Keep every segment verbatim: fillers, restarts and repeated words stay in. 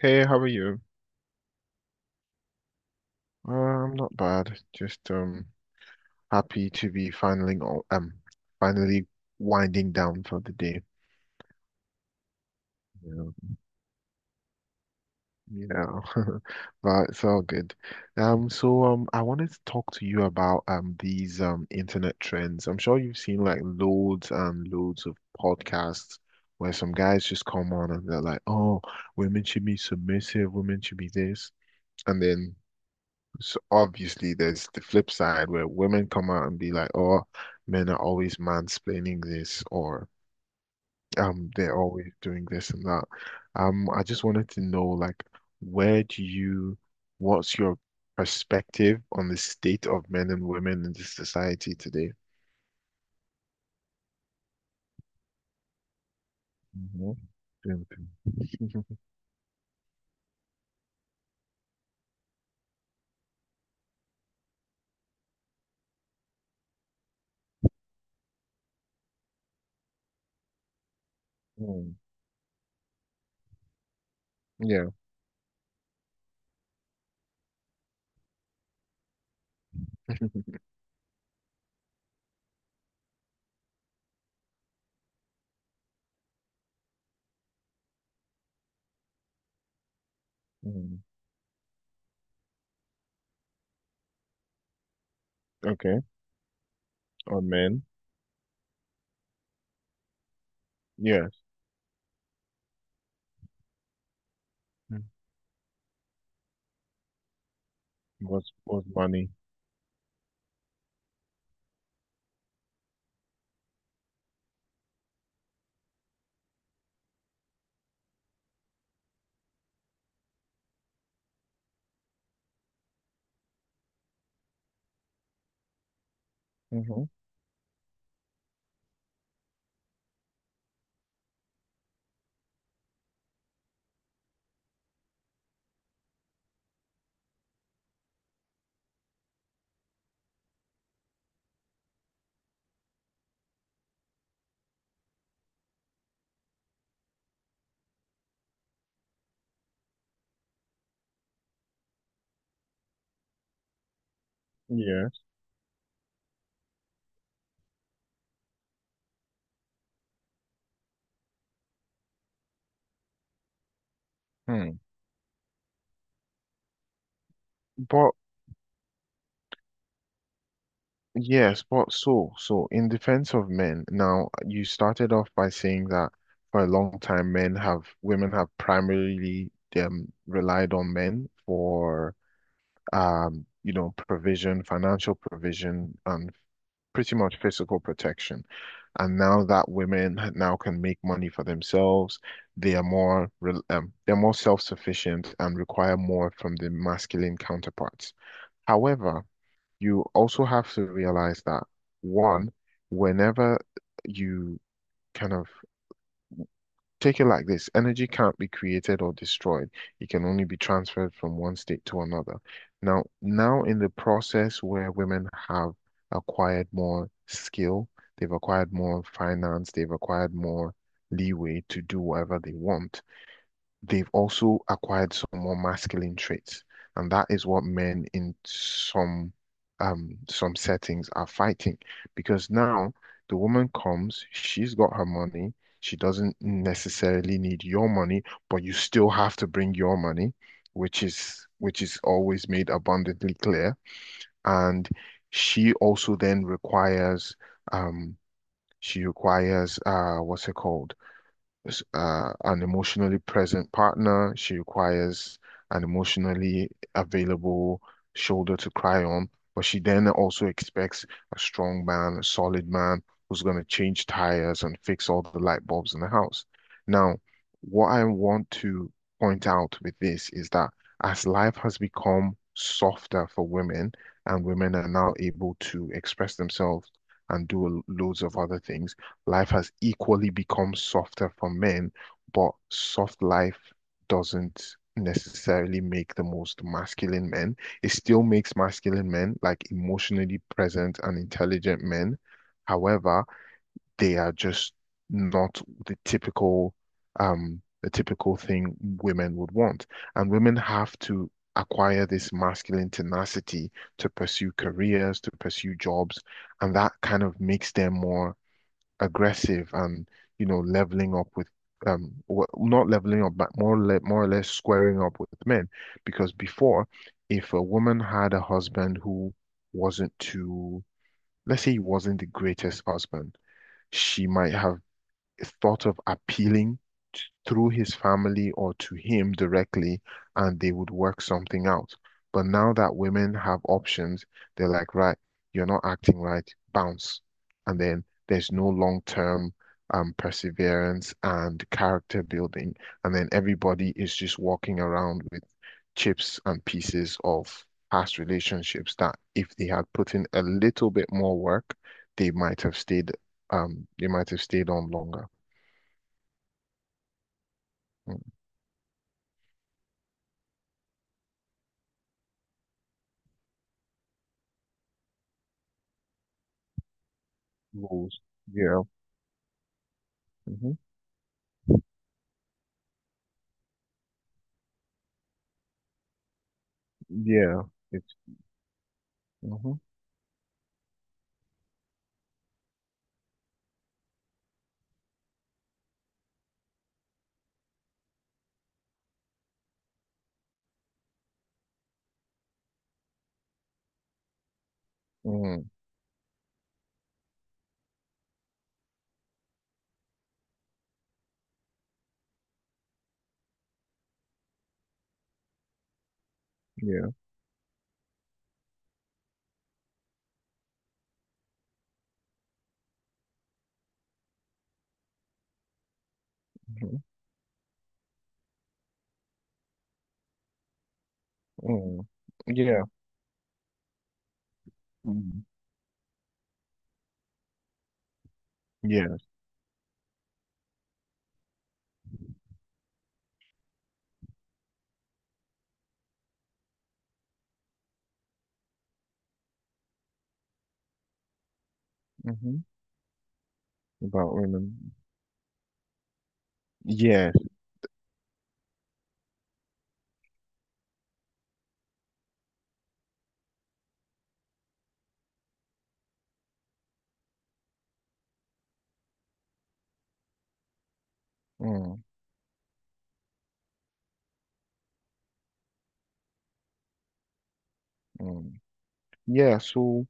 Hey, how are you? Uh, I'm not bad. Just um happy to be finally o- um finally winding down for the day. Yeah. Yeah. But it's all good. Um, so um I wanted to talk to you about um these um internet trends. I'm sure you've seen like loads and loads of podcasts where some guys just come on and they're like, oh, women should be submissive, women should be this. And then So obviously, there's the flip side where women come out and be like, "Oh, men are always mansplaining this," or um, they're always doing this and that. Um, I just wanted to know, like, where do you, what's your perspective on the state of men and women in this society today? Mhm. Mm. Mm, yeah. Mm, okay. On men. Yes. mm, Was was money. Mhm. Yes. Hmm. But yes, but so, so in defense of men, now you started off by saying that for a long time men have women have primarily um, relied on men for um, you know, provision, financial provision, and pretty much physical protection. And now that women ha- now can make money for themselves, they are more rel- um, they're more self-sufficient and require more from the masculine counterparts. However, you also have to realize that one, whenever you kind of take it like this, energy can't be created or destroyed. It can only be transferred from one state to another. Now, now in the process where women have acquired more skill, they've acquired more finance, they've acquired more leeway to do whatever they want. They've also acquired some more masculine traits, and that is what men in some um some settings are fighting because now the woman comes, she's got her money, she doesn't necessarily need your money, but you still have to bring your money, which is which is always made abundantly clear, and she also then requires um she requires uh what's it called? S- uh, an emotionally present partner. She requires an emotionally available shoulder to cry on, but she then also expects a strong man, a solid man who's going to change tires and fix all the light bulbs in the house. Now, what I want to point out with this is that as life has become softer for women, and women are now able to express themselves and do loads of other things, life has equally become softer for men, but soft life doesn't necessarily make the most masculine men. It still makes masculine men like emotionally present and intelligent men. However, they are just not the typical um the typical thing women would want. And women have to acquire this masculine tenacity to pursue careers, to pursue jobs, and that kind of makes them more aggressive and you know leveling up with um wh- not leveling up but more le more or less squaring up with men because before, if a woman had a husband who, wasn't too let's say, he wasn't the greatest husband, she might have thought of appealing t- through his family or to him directly, and they would work something out. But now that women have options, they're like, right, you're not acting right, bounce. And then there's no long-term um, perseverance and character building. And then everybody is just walking around with chips and pieces of past relationships that if they had put in a little bit more work, they might have stayed, um, they might have stayed on longer. Mm, rules. Yeah. Hmm. Yeah. It's. Hmm. Mm, yeah. Hmm. Mm, yeah. Mm, yeah. Hmm. About women. Yes. Mm, mm. Yeah. So.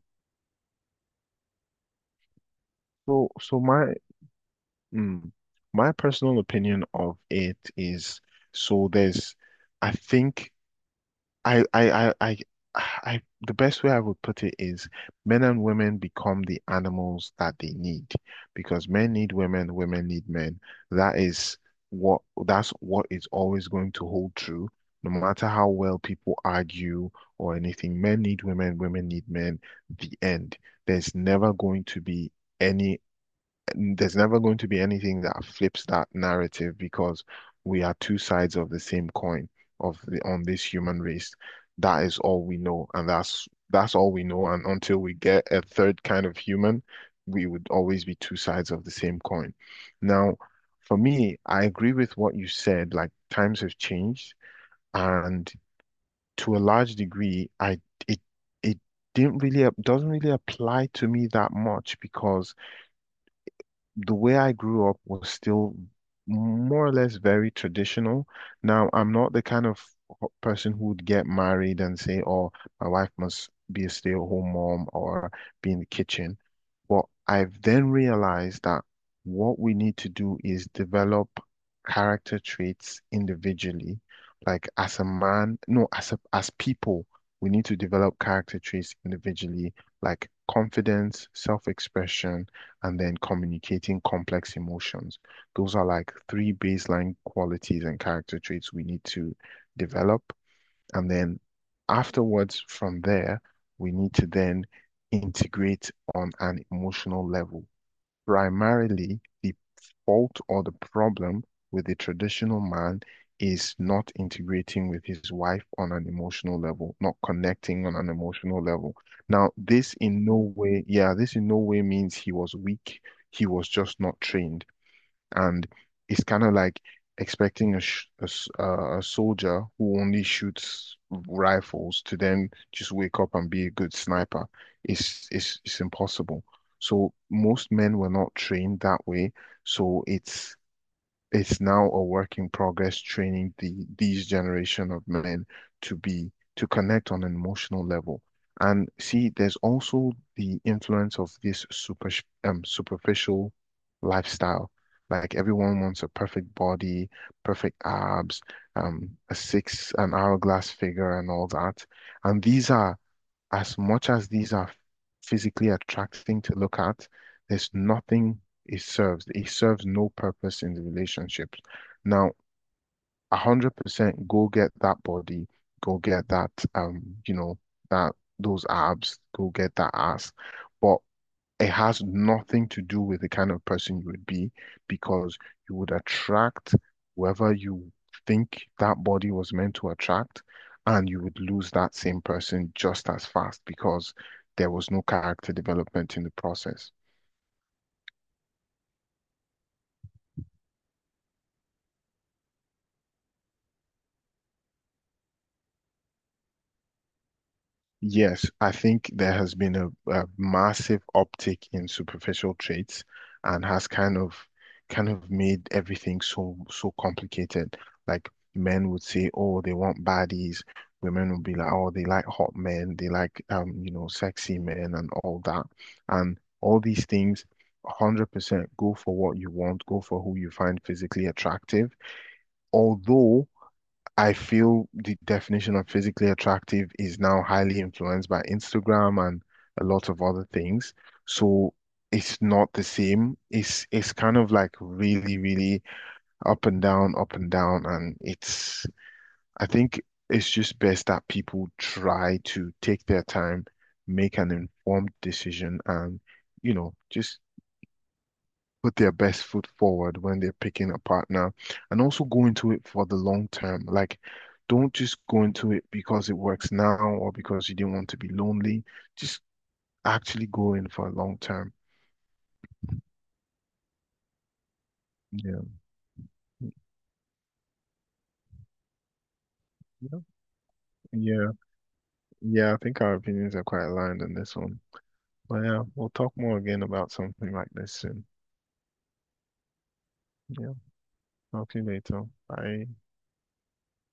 So. So my. Mm, my personal opinion of it is. So there's. I think. I, I, I, I, I, the best way I would put it is men and women become the animals that they need because men need women, women need men. That is what, that's what is always going to hold true, no matter how well people argue or anything. Men need women, women need men. The end. There's never going to be any there's never going to be anything that flips that narrative because we are two sides of the same coin of the on this human race. That is all we know, and that's that's all we know. And until we get a third kind of human, we would always be two sides of the same coin. Now, for me, I agree with what you said. Like times have changed, and to a large degree, I it it didn't really doesn't really apply to me that much because the way I grew up was still more or less very traditional. Now, I'm not the kind of ho- person who would get married and say, oh, my wife must be a stay-at-home mom or be in the kitchen. But I've then realized that what we need to do is develop character traits individually. Like as a man, no, as a, as people, we need to develop character traits individually, like confidence, self-expression, and then communicating complex emotions. Those are like three baseline qualities and character traits we need to develop. And then afterwards, from there, we need to then integrate on an emotional level. Primarily, the fault or the problem with the traditional man is not integrating with his wife on an emotional level, not connecting on an emotional level. Now, this in no way, yeah, this in no way means he was weak. He was just not trained. And it's kind of like expecting a, sh a, s- uh, a soldier who only shoots rifles to then just wake up and be a good sniper. It's, it's, it's impossible. So most men were not trained that way. So it's it's now a work in progress training the these generation of men to be to connect on an emotional level. And see, there's also the influence of this super um, superficial lifestyle. Like everyone wants a perfect body, perfect abs, um, a six, an hourglass figure, and all that. And these are as much as these are physically attracting to look at, there's nothing it serves. It serves no purpose in the relationship. Now, one hundred percent go get that body, go get that, um, you know, that those abs, go get that ass. But it has nothing to do with the kind of person you would be because you would attract whoever you think that body was meant to attract, and you would lose that same person just as fast because there was no character development in the process. Yes, I think there has been a, a massive uptick in superficial traits and has kind of kind of made everything so so complicated. Like men would say, oh, they want baddies. Women would be like, oh, they like hot men, they like um, you know, sexy men and all that. And all these things, one hundred percent go for what you want, go for who you find physically attractive. Although I feel the definition of physically attractive is now highly influenced by Instagram and a lot of other things. So it's not the same. It's it's kind of like really, really up and down, up and down. And it's I think it's just best that people try to take their time, make an informed decision and, you know, just put their best foot forward when they're picking a partner and also go into it for the long term. Like, don't just go into it because it works now or because you didn't want to be lonely. Just actually go in for a long term. Yeah. Yeah. Yeah. Yeah. I think our opinions are quite aligned on this one. But yeah, we'll talk more again about something like this soon. Yeah. Talk to you later. Bye.